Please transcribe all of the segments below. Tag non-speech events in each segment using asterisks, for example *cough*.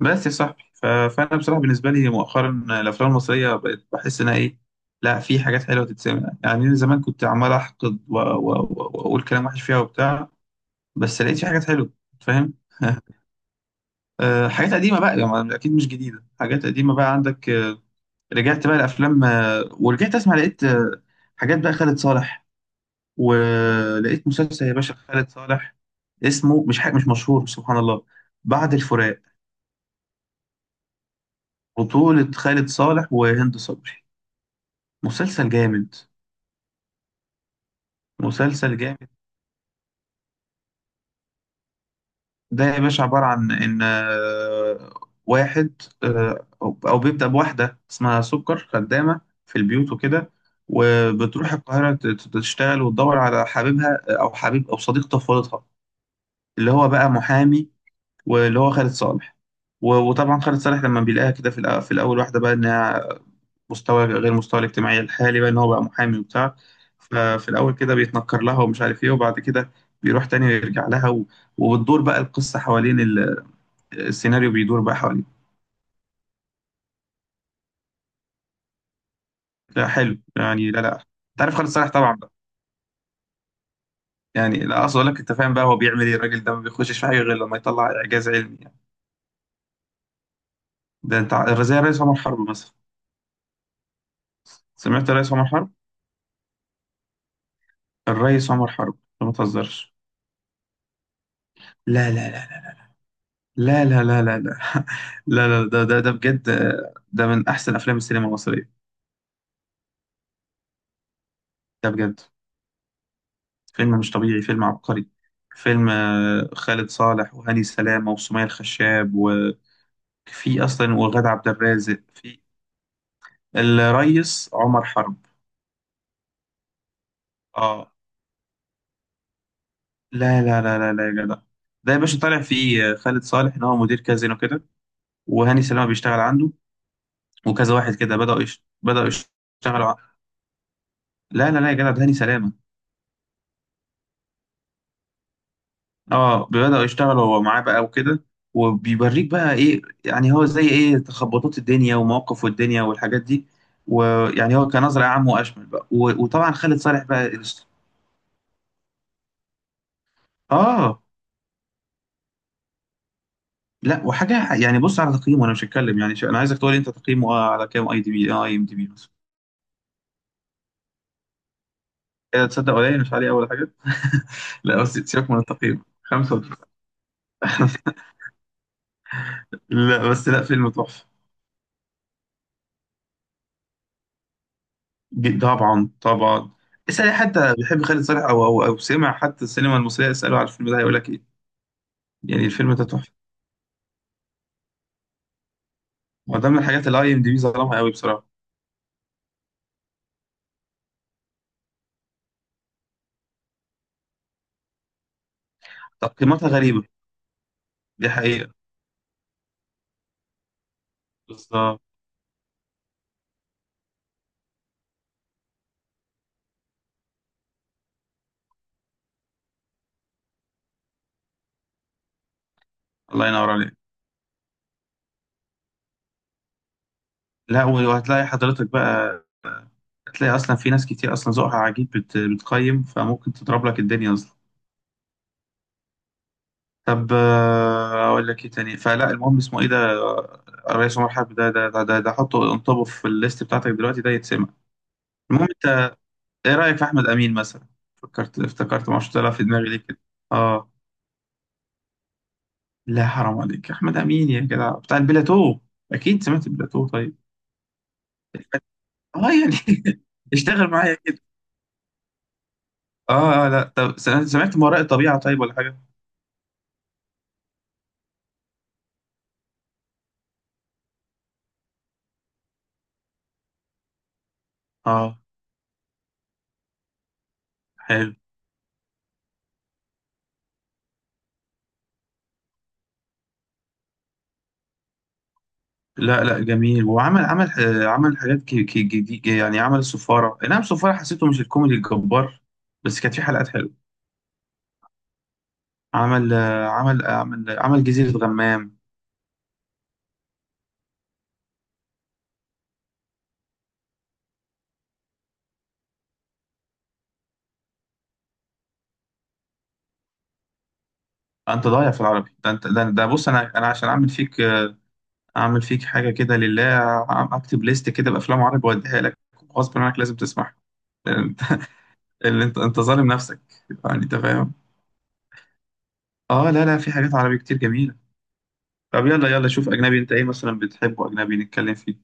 بس يا صاحبي، فانا بصراحه بالنسبه لي مؤخرا الافلام المصريه بقت بحس انها ايه. لا، في حاجات حلوه تتسمع، يعني من زمان كنت عمال احقد واقول كلام وحش فيها وبتاع. بس لقيت في حاجات حلوه، فاهم؟ *laughs* حاجات قديمه بقى يعني اكيد مش جديده، حاجات قديمه بقى عندك. رجعت بقى الافلام، ورجعت اسمع، لقيت حاجات، بقى خالد صالح. ولقيت مسلسل، يا باشا، خالد صالح، اسمه مش حاجة مش مشهور، سبحان الله، بعد الفراق. بطولة خالد صالح وهند صبري. مسلسل جامد، مسلسل جامد. ده يا باشا عبارة عن إن واحد، أو بيبدأ بواحدة اسمها سكر، خدامة في البيوت وكده، وبتروح القاهرة تشتغل وتدور على حبيبها، أو حبيب أو صديق طفولتها، اللي هو بقى محامي، واللي هو خالد صالح. وطبعا خالد صالح لما بيلاقيها كده في الأول، واحدة بقى إنها مستوى غير مستوى الاجتماعي الحالي، بقى ان هو بقى محامي وبتاع. ففي الاول كده بيتنكر لها ومش عارف ايه، وبعد كده بيروح تاني ويرجع لها، وبتدور بقى القصه حوالين السيناريو بيدور بقى حوالين. لا حلو يعني. لا، لا، انت عارف خالد صالح طبعا بقى. يعني لا، اقصد اقول لك، انت فاهم بقى هو بيعمل ايه الراجل ده؟ ما بيخشش في حاجه غير لما يطلع اعجاز علمي، يعني. ده انت زي الرئيس عمر حرب مثلا. سمعت الرئيس عمر حرب؟ الرئيس عمر حرب، ما تهزرش. لا، لا، لا، لا، لا، لا، لا، لا، *laughs* لا، لا، ده بجد، ده من أحسن أفلام السينما المصرية. ده بجد، فيلم مش طبيعي، فيلم عبقري، فيلم خالد صالح وهاني سلامة وسمية الخشاب، وفي أصلا وغادة عبد الرازق، في. الريس عمر حرب. اه، لا، لا، لا، لا، لا، يا جدع. ده يا باشا طالع فيه، خالد صالح إن هو مدير كازينو كده، وهاني سلامة بيشتغل عنده، وكذا واحد كده بدأوا يشتغلوا لا، لا، لا، يا جدع، ده هاني سلامة. اه، بدأوا يشتغلوا هو معاه بقى وكده، وبيوريك بقى ايه يعني، هو زي ايه تخبطات الدنيا ومواقف الدنيا والحاجات دي، ويعني هو كنظرة عام واشمل بقى. وطبعا خالد صالح بقى اه، لا وحاجة يعني. بص على تقييمه، انا مش هتكلم، يعني انا عايزك تقول لي انت تقييمه على كام، اي ام دي بي مثلا. كده تصدق؟ قليل مش عليه اول حاجة. *laughs* لا، بس سيبك من التقييم، خمسة *laughs* وتسعة. لا بس، لا، فيلم تحفة. طبعا طبعا. اسأل أي حد بيحب خالد صالح أو سمع حتى السينما المصرية، اسأله على الفيلم ده، هيقول لك إيه. يعني الفيلم ده تحفة. هو ده من الحاجات اللي أي إم دي بي ظلمها قوي بصراحة. تقييماتها غريبة، دي حقيقة. بالظبط. الله ينور عليك. لا، وهتلاقي حضرتك بقى، هتلاقي اصلا في ناس كتير اصلا ذوقها عجيب، بتقيم، فممكن تضرب لك الدنيا اصلا. طب، اقول لك ايه تاني، فلا، المهم اسمه ايه ده؟ الرئيس عمر حرب. ده حطه، انطبه في الليست بتاعتك دلوقتي، ده يتسمع. المهم. ايه رأيك في احمد امين مثلا؟ افتكرت ما طلع في دماغي ليه كده. اه، لا، حرام عليك، احمد امين يا جدع، بتاع البلاتو. اكيد سمعت البلاتو، طيب؟ اه، يعني *laughs* اشتغل معايا كده. اه، لا، طب، سمعت ما وراء الطبيعة طيب، ولا حاجة؟ اه، حلو. لا، لا، جميل. وعمل عمل حاجات جديد، يعني عمل السفارة، اي نعم السفارة حسيته مش الكوميدي الجبار، بس كانت في حلقات حلوة. عمل جزيرة غمام. انت ضايع في العربي ده، انت. ده بص، انا عشان اعمل فيك، اعمل فيك حاجه كده لله. اكتب ليست كده بافلام عربي واديها لك، غصب عنك لازم تسمعها. لأن انت، *laughs* اللي انت ظالم نفسك، يعني انت فاهم. اه، لا، لا، في حاجات عربي كتير جميله. طب، يلا يلا، شوف اجنبي، انت ايه مثلا بتحبه اجنبي نتكلم فيه.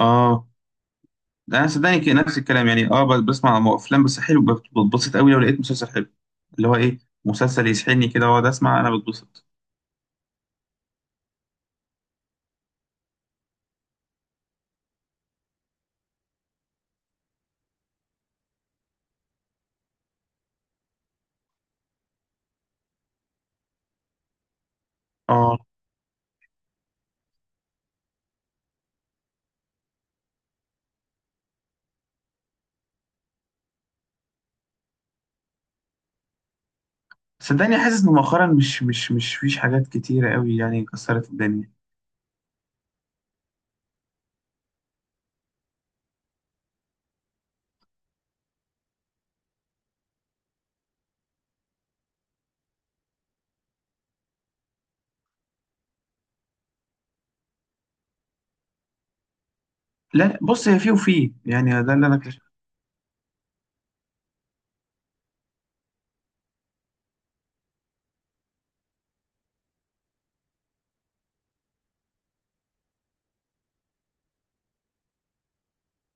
اه، ده انا صدقني كده نفس الكلام، يعني اه، بسمع افلام، بس حلو بتبسط قوي لو لقيت مسلسل حلو، اللي هو ايه، مسلسل يسحلني كده واقعد اسمع، انا بتبسط. اه، صدقني حاسس ان مؤخرا مش فيش حاجات كتيره قوي يعني كسرت الدنيا. لا، بص هي فيه وفيه يعني، ده اللي انا اكتشفته.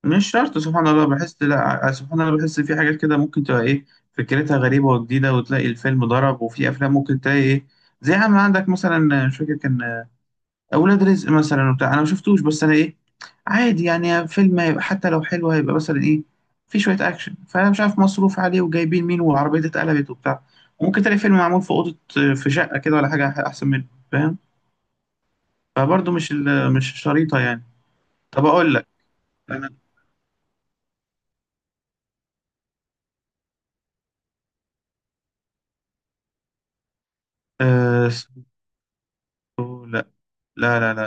مش شرط، سبحان الله، بحس لا، سبحان الله، بحس في حاجات كده ممكن تبقى ايه، فكرتها غريبة وجديدة، وتلاقي الفيلم ضرب. وفي افلام ممكن تلاقي ايه، زي عم عندك مثلا. مش فاكر كان اولاد رزق مثلا وبتاع، انا ما شفتوش، بس انا ايه، عادي يعني. فيلم هيبقى حتى لو حلو، هيبقى مثلا ايه، في شوية اكشن، فانا مش عارف مصروف عليه وجايبين مين والعربية دي اتقلبت وبتاع. ممكن تلاقي فيلم معمول في اوضة، في شقة كده ولا حاجة، احسن منه، فاهم؟ فبرضه مش مش شريطة، يعني. طب اقول لك، أه. لا، لا، لا، لا،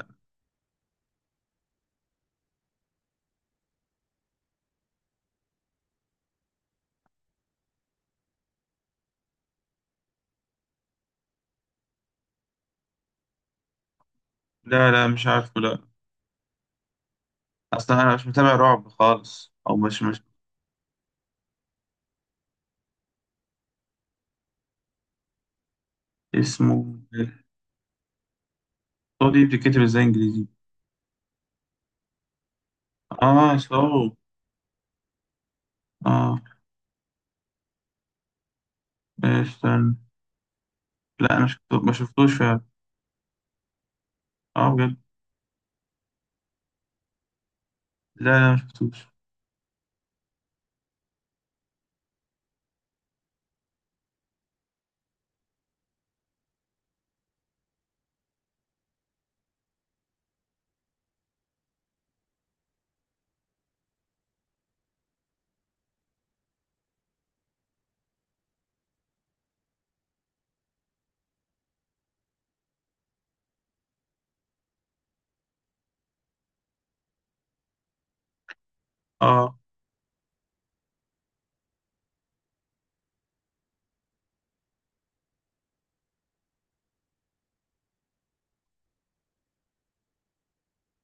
لا، لا، مش عارفه، لا. اصلا انا مش متابع رعب خالص، او مش. اسمه سو، دي بتتكتب ازاي انجليزي؟ اه، سو. اه، استنى. لا، انا ما شفتوش فعلا. اه، بجد. لا، لا، ما شفتوش. اه،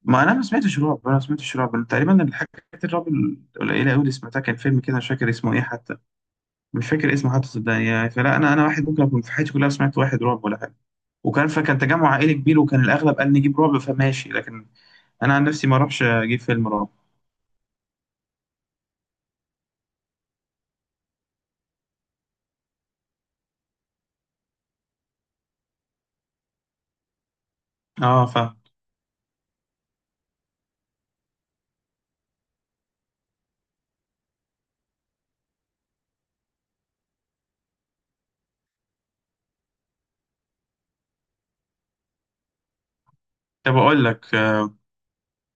ما، انا ما سمعتش رعب، أنا تقريبا الحاجات الرعب القليله قوي اللي سمعتها، كان فيلم كده مش فاكر اسمه ايه حتى، مش فاكر اسمه حتى، صدقني. يعني فلا، انا واحد ممكن اكون في حياتي كلها سمعت واحد رعب ولا حاجه، وكان فكان تجمع عائلي كبير، وكان الاغلب قال نجيب رعب، فماشي، لكن انا عن نفسي ما اروحش اجيب فيلم رعب. اه، طب اقول لك،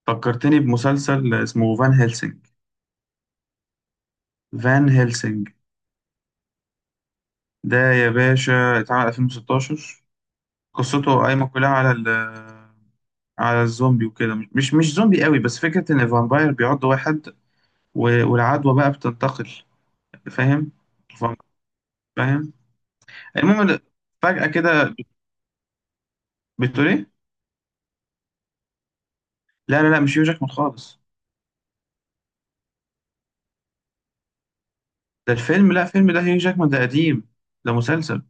فكرتني بمسلسل اسمه فان هيلسينج. فان هيلسينج ده يا باشا اتعمل 2016. قصته قايمه كلها على الزومبي وكده، مش زومبي قوي بس فكره ان الفامباير بيعض واحد، والعدوى بقى بتنتقل. فاهم؟ فاهم؟ المهم فجأة كده، بتقول ايه؟ لا، لا، لا، مش هيو جاكمان خالص. ده الفيلم، لا، فيلم ده هيو جاكمان، ده قديم. ده مسلسل.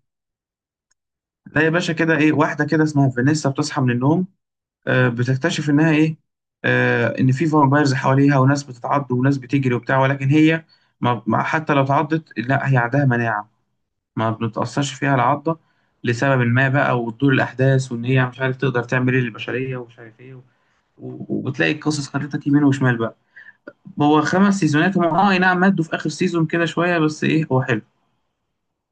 لا يا باشا. كده ايه، واحدة كده اسمها فانيسا بتصحى من النوم، بتكتشف انها ايه، ان في فامبايرز حواليها، وناس بتتعض وناس بتجري وبتاع، ولكن هي، حتى لو اتعضت لا، هي عندها مناعة، ما بتتأثرش فيها العضة لسبب ما بقى، وتدور الأحداث، وإن هي مش عارف تقدر تعمل إيه للبشرية ومش عارف إيه، وبتلاقي القصص خدتك يمين وشمال بقى. هو 5 سيزونات هم. أي نعم، مدّوا في آخر سيزون كده شوية، بس إيه، هو حلو.